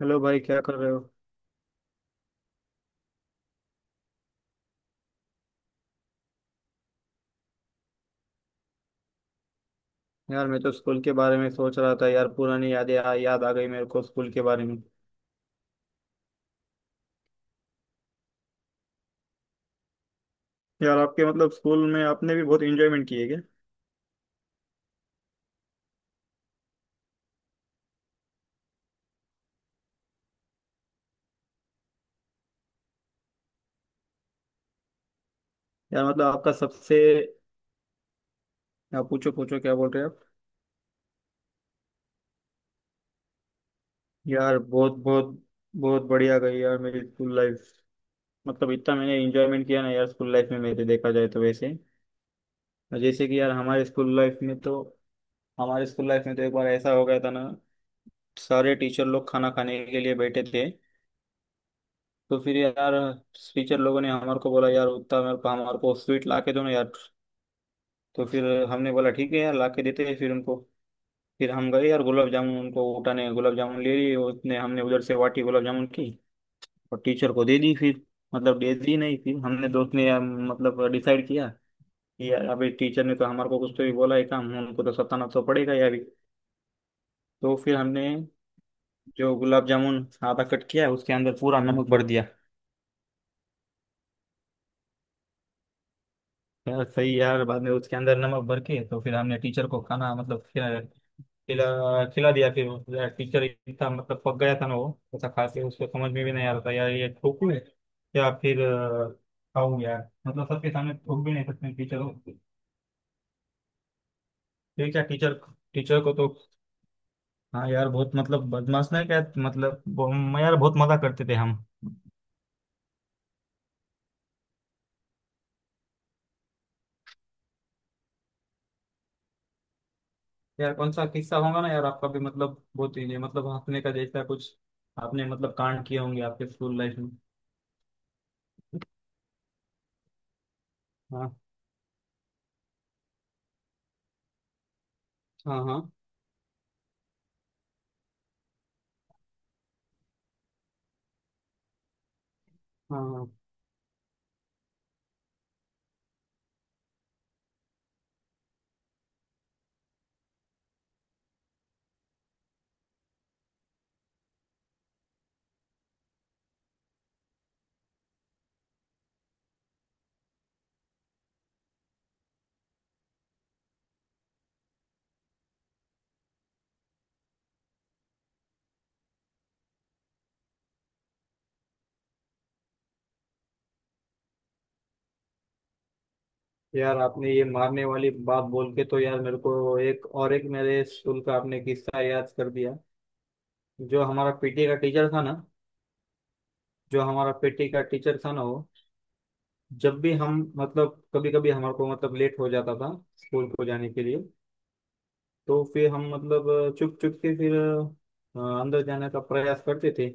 Hello भाई क्या कर रहे हो। यार मैं तो स्कूल के बारे में सोच रहा था यार। पुरानी यादें याद आ गई मेरे को स्कूल के बारे में। यार आपके मतलब स्कूल में आपने भी बहुत एंजॉयमेंट किए क्या। यार मतलब आपका सबसे। यार पूछो पूछो क्या बोल रहे हो आप। यार बहुत बहुत बहुत बढ़िया गई यार मेरी स्कूल लाइफ। मतलब इतना मैंने एंजॉयमेंट किया ना यार स्कूल लाइफ में मेरे, देखा जाए तो वैसे। जैसे कि यार हमारे स्कूल लाइफ में तो हमारे स्कूल लाइफ में तो एक बार ऐसा हो गया था ना। सारे टीचर लोग खाना खाने के लिए बैठे थे। तो फिर यार टीचर लोगों ने हमारे को बोला यार, उतना मेरे को, हमारे को स्वीट ला के दो ना यार। तो फिर हमने बोला ठीक है यार ला के देते हैं फिर उनको। फिर हम गए यार गुलाब जामुन उनको उठाने, गुलाब जामुन ले लिए उसने, हमने उधर से वाटी गुलाब जामुन की और टीचर को दे दी फिर। मतलब दे दी नहीं, फिर हमने, दोस्त ने यार, मतलब डिसाइड किया कि यार अभी टीचर ने तो हमारे को कुछ तो भी बोला है काम, उनको तो सताना तो पड़ेगा यार अभी। तो फिर हमने जो गुलाब जामुन आधा कट किया उसके अंदर पूरा नमक भर दिया। यार सही यार, बाद में उसके अंदर नमक भर के तो फिर हमने टीचर को खाना मतलब खिला खिला खिला दिया फिर वो। यार टीचर इतना मतलब पक गया था ना वो, ऐसा खा के उसको समझ में भी नहीं आ रहा था यार ये ठोकू है या फिर खाऊ यार। मतलब सबके सामने ठोक भी नहीं सकते टीचर को। फिर क्या टीचर, टीचर को तो हाँ यार बहुत मतलब बदमाश नहीं क्या मतलब यार बहुत मजा करते थे हम। यार कौन सा किस्सा होगा ना यार आपका भी मतलब बहुत ही मतलब हंसने का जैसा कुछ आपने मतलब कांड किए होंगे आपके स्कूल लाइफ में। हाँ हाँ हाँ हाँ। हाँ यार आपने ये मारने वाली बात बोल के तो यार मेरे को एक और एक मेरे स्कूल का आपने किस्सा याद कर दिया। जो हमारा पीटी का टीचर था ना जो हमारा पीटी का टीचर था ना वो, जब भी हम मतलब कभी कभी हमारे को मतलब लेट हो जाता था स्कूल को जाने के लिए, तो फिर हम मतलब चुप चुप के फिर अंदर जाने का प्रयास करते थे।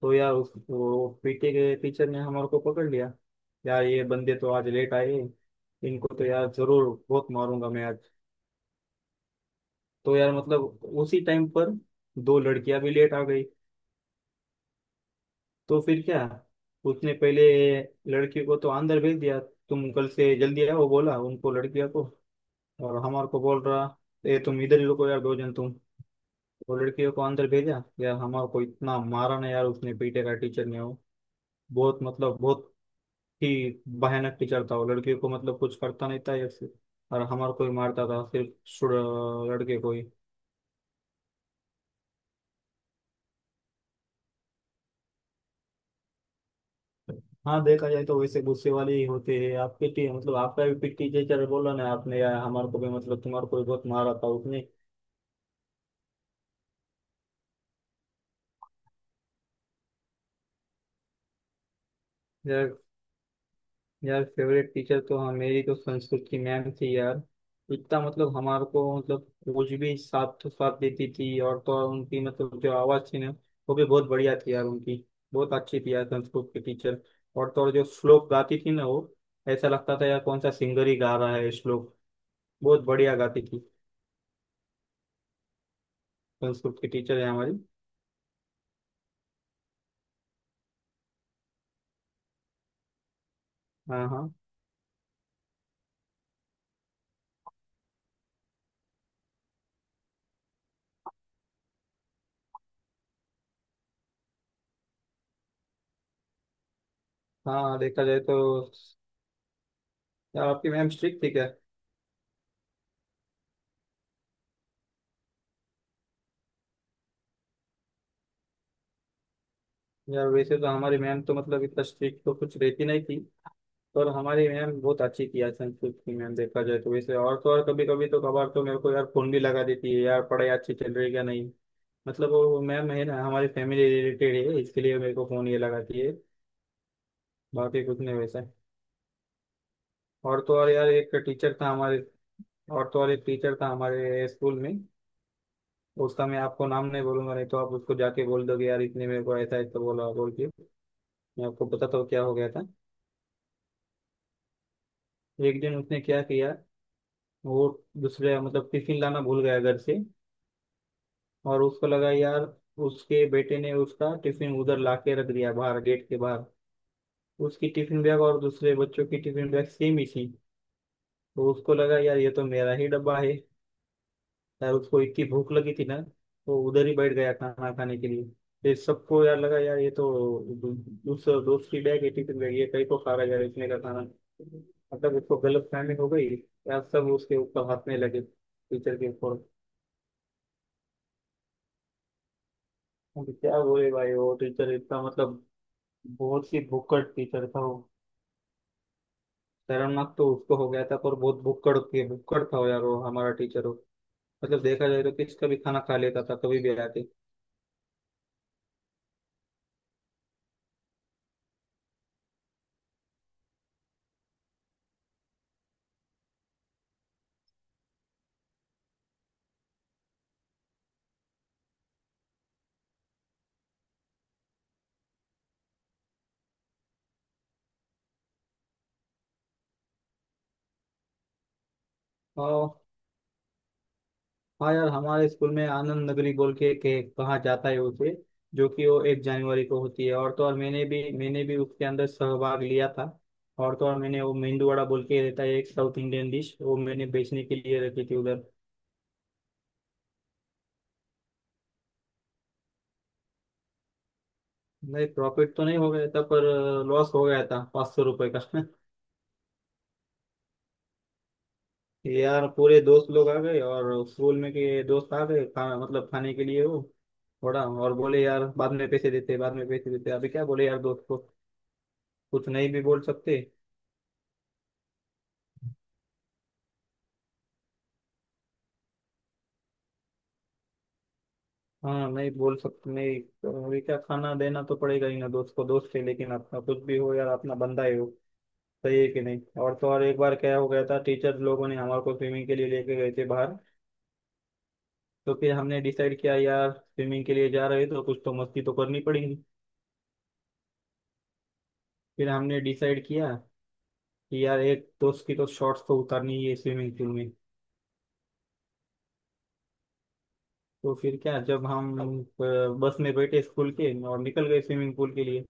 तो यार उस, वो पीटी के टीचर ने हमारे को पकड़ लिया। यार ये बंदे तो आज लेट आए, इनको तो यार जरूर बहुत मारूंगा मैं आज। तो यार मतलब उसी टाइम पर दो लड़कियां भी लेट आ गई। तो फिर क्या, उसने पहले लड़की को तो अंदर भेज दिया, तुम कल से जल्दी आओ बोला उनको, लड़कियों को। और हमारे को बोल रहा, ये तुम इधर ही रुको यार दो जन तुम। तो लड़कियों को अंदर भेजा यार, हमारे को इतना मारा ना यार उसने पीटे का टीचर ने, वो बहुत मतलब बहुत ही भयानक टीचर था वो। लड़कियों को मतलब कुछ करता नहीं था यार सिर्फ, और हमारे को ही मारता था सिर्फ, लड़के को ही। हाँ, देखा जाए तो वैसे गुस्से वाले ही होते हैं। आप पीटी मतलब आपका भी पीटी टीचर बोला ना आपने, यार हमारे को भी मतलब तुम्हारे को भी बहुत मारा था उसने। यार यार फेवरेट टीचर तो हाँ मेरी तो संस्कृत की मैम थी यार। इतना मतलब हमारे को मतलब कुछ भी साथ तो साथ देती थी। और तो और उनकी मतलब जो आवाज़ थी ना, वो भी बहुत बढ़िया थी यार उनकी। बहुत अच्छी थी यार संस्कृत की टीचर। और तो और जो श्लोक गाती थी ना वो, ऐसा लगता था यार कौन सा सिंगर ही गा रहा है ये श्लोक। बहुत बढ़िया गाती थी संस्कृत की टीचर है हमारी। हाँ हाँ। हाँ देखा जाए तो, यार आपकी मैम स्ट्रिक्ट थी क्या। यार वैसे तो हमारी मैम तो मतलब इतना स्ट्रिक्ट तो कुछ रहती नहीं थी। पर हमारी मैम बहुत अच्छी थी यार संस्कृत की मैम देखा जाए तो वैसे। और तो और कभी कभी तो कभार तो मेरे को यार फोन भी लगा देती है यार, पढ़ाई अच्छी चल रही है क्या नहीं। मतलब वो मैम है ना हमारी फैमिली रिलेटेड है, इसके लिए मेरे को फोन ये लगाती है, बाकी कुछ नहीं वैसा। और तो और यार एक टीचर था हमारे और तो और एक टीचर था हमारे स्कूल में। उसका मैं आपको नाम नहीं बोलूंगा, नहीं तो आप उसको जाके बोल दोगे यार इतने मेरे को ऐसा ऐसा बोला बोल के। मैं आपको बताता हूँ क्या हो गया था। एक दिन उसने क्या किया, वो दूसरे मतलब टिफिन लाना भूल गया घर से। और उसको लगा यार उसके बेटे ने उसका टिफिन उधर ला के रख दिया बाहर गेट के बाहर। उसकी टिफिन बैग और दूसरे बच्चों की टिफिन बैग सेम ही थी। तो उसको लगा यार ये तो मेरा ही डब्बा है। यार उसको इतनी भूख लगी थी ना, तो उधर ही बैठ गया खाना खाने के लिए। फिर सबको यार लगा यार ये तो उस दोस्त की बैग है, टिफिन बैग, ये कहीं को खा रहा है यार इसने का खाना। मतलब उसको गलत फहमी हो गई। यार सब उसके ऊपर हंसने लगे टीचर के ऊपर। अब क्या बोले भाई, वो टीचर इतना मतलब बहुत ही भुक्कड़ टीचर था वो। शर्मनाक तो उसको हो गया था पर बहुत भुक्कड़ के भुक्कड़ था वो यार, वो हमारा टीचर हो। मतलब देखा जाए तो किसका भी खाना खा लेता था कभी भी आके। हाँ। हाँ यार हमारे स्कूल में आनंद नगरी बोल के कहा जाता है उसे, जो कि वो 1 जनवरी को होती है। और तो और मैंने भी उसके अंदर सहभाग लिया था। और तो और मैंने वो मेंदू वड़ा बोल के रहता है एक साउथ इंडियन डिश, वो मैंने बेचने के लिए रखी थी उधर। नहीं प्रॉफिट तो नहीं हो गया था पर लॉस हो गया था 500 रुपये का। यार पूरे दोस्त लोग आ गए और स्कूल में के दोस्त आ गए मतलब खाने के लिए वो, थोड़ा और बोले यार बाद में पैसे देते बाद में पैसे देते, अभी क्या बोले यार दोस्त को। कुछ नहीं भी बोल सकते। हाँ नहीं बोल सकते, नहीं तो ये क्या, खाना देना तो पड़ेगा ही ना दोस्त को, दोस्त है लेकिन अपना कुछ भी हो यार अपना बंदा ही हो। सही है कि नहीं। और तो और एक बार क्या हो गया था, टीचर लोगों ने हमारे को स्विमिंग के लिए लेके गए थे बाहर। तो फिर हमने डिसाइड किया यार स्विमिंग के लिए जा रहे हैं तो कुछ तो मस्ती तो करनी पड़ेगी। फिर हमने डिसाइड किया कि यार एक दोस्त की तो शॉर्ट्स तो उतारनी ही है स्विमिंग पूल में। तो फिर क्या, जब हम अ, बस में बैठे स्कूल के और निकल गए स्विमिंग पूल के लिए,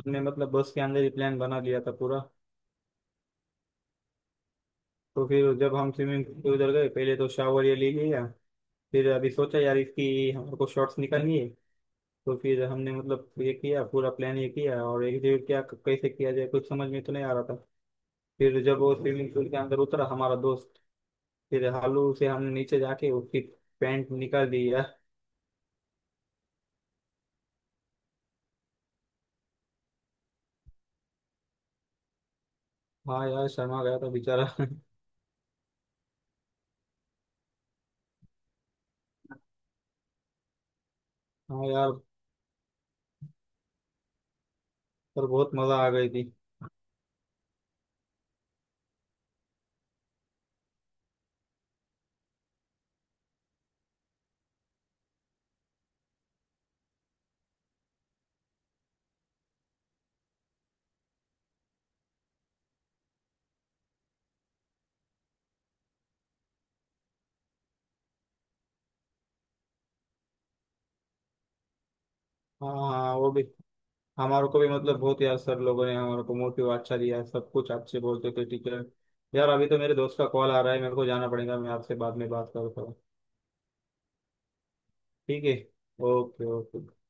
हमने मतलब बस के अंदर ही प्लान बना लिया था पूरा। तो फिर जब हम स्विमिंग पूल के उधर गए, पहले तो शावर ये ले लिया। फिर अभी सोचा यार इसकी हमको शॉर्ट्स निकालनी है। तो फिर हमने मतलब ये किया पूरा प्लान, ये किया और एग्जीक्यूट क्या कैसे किया जाए कुछ समझ में तो नहीं आ रहा था। फिर जब वो स्विमिंग पूल के अंदर उतरा हमारा दोस्त, फिर हालू से हमने नीचे जाके उसकी पैंट निकाल दी यार। हाँ यार शर्मा गया था बेचारा। हाँ यार पर बहुत मजा आ गई थी। हाँ हाँ वो भी, हमारे को भी मतलब बहुत यार सर लोगों ने हमारे को मोटिव अच्छा दिया, सब कुछ अच्छे बोलते थे टीचर। यार अभी तो मेरे दोस्त का कॉल आ रहा है मेरे को जाना पड़ेगा, मैं आपसे बाद में बात करता हूँ। ठीक है। ओके। ओके।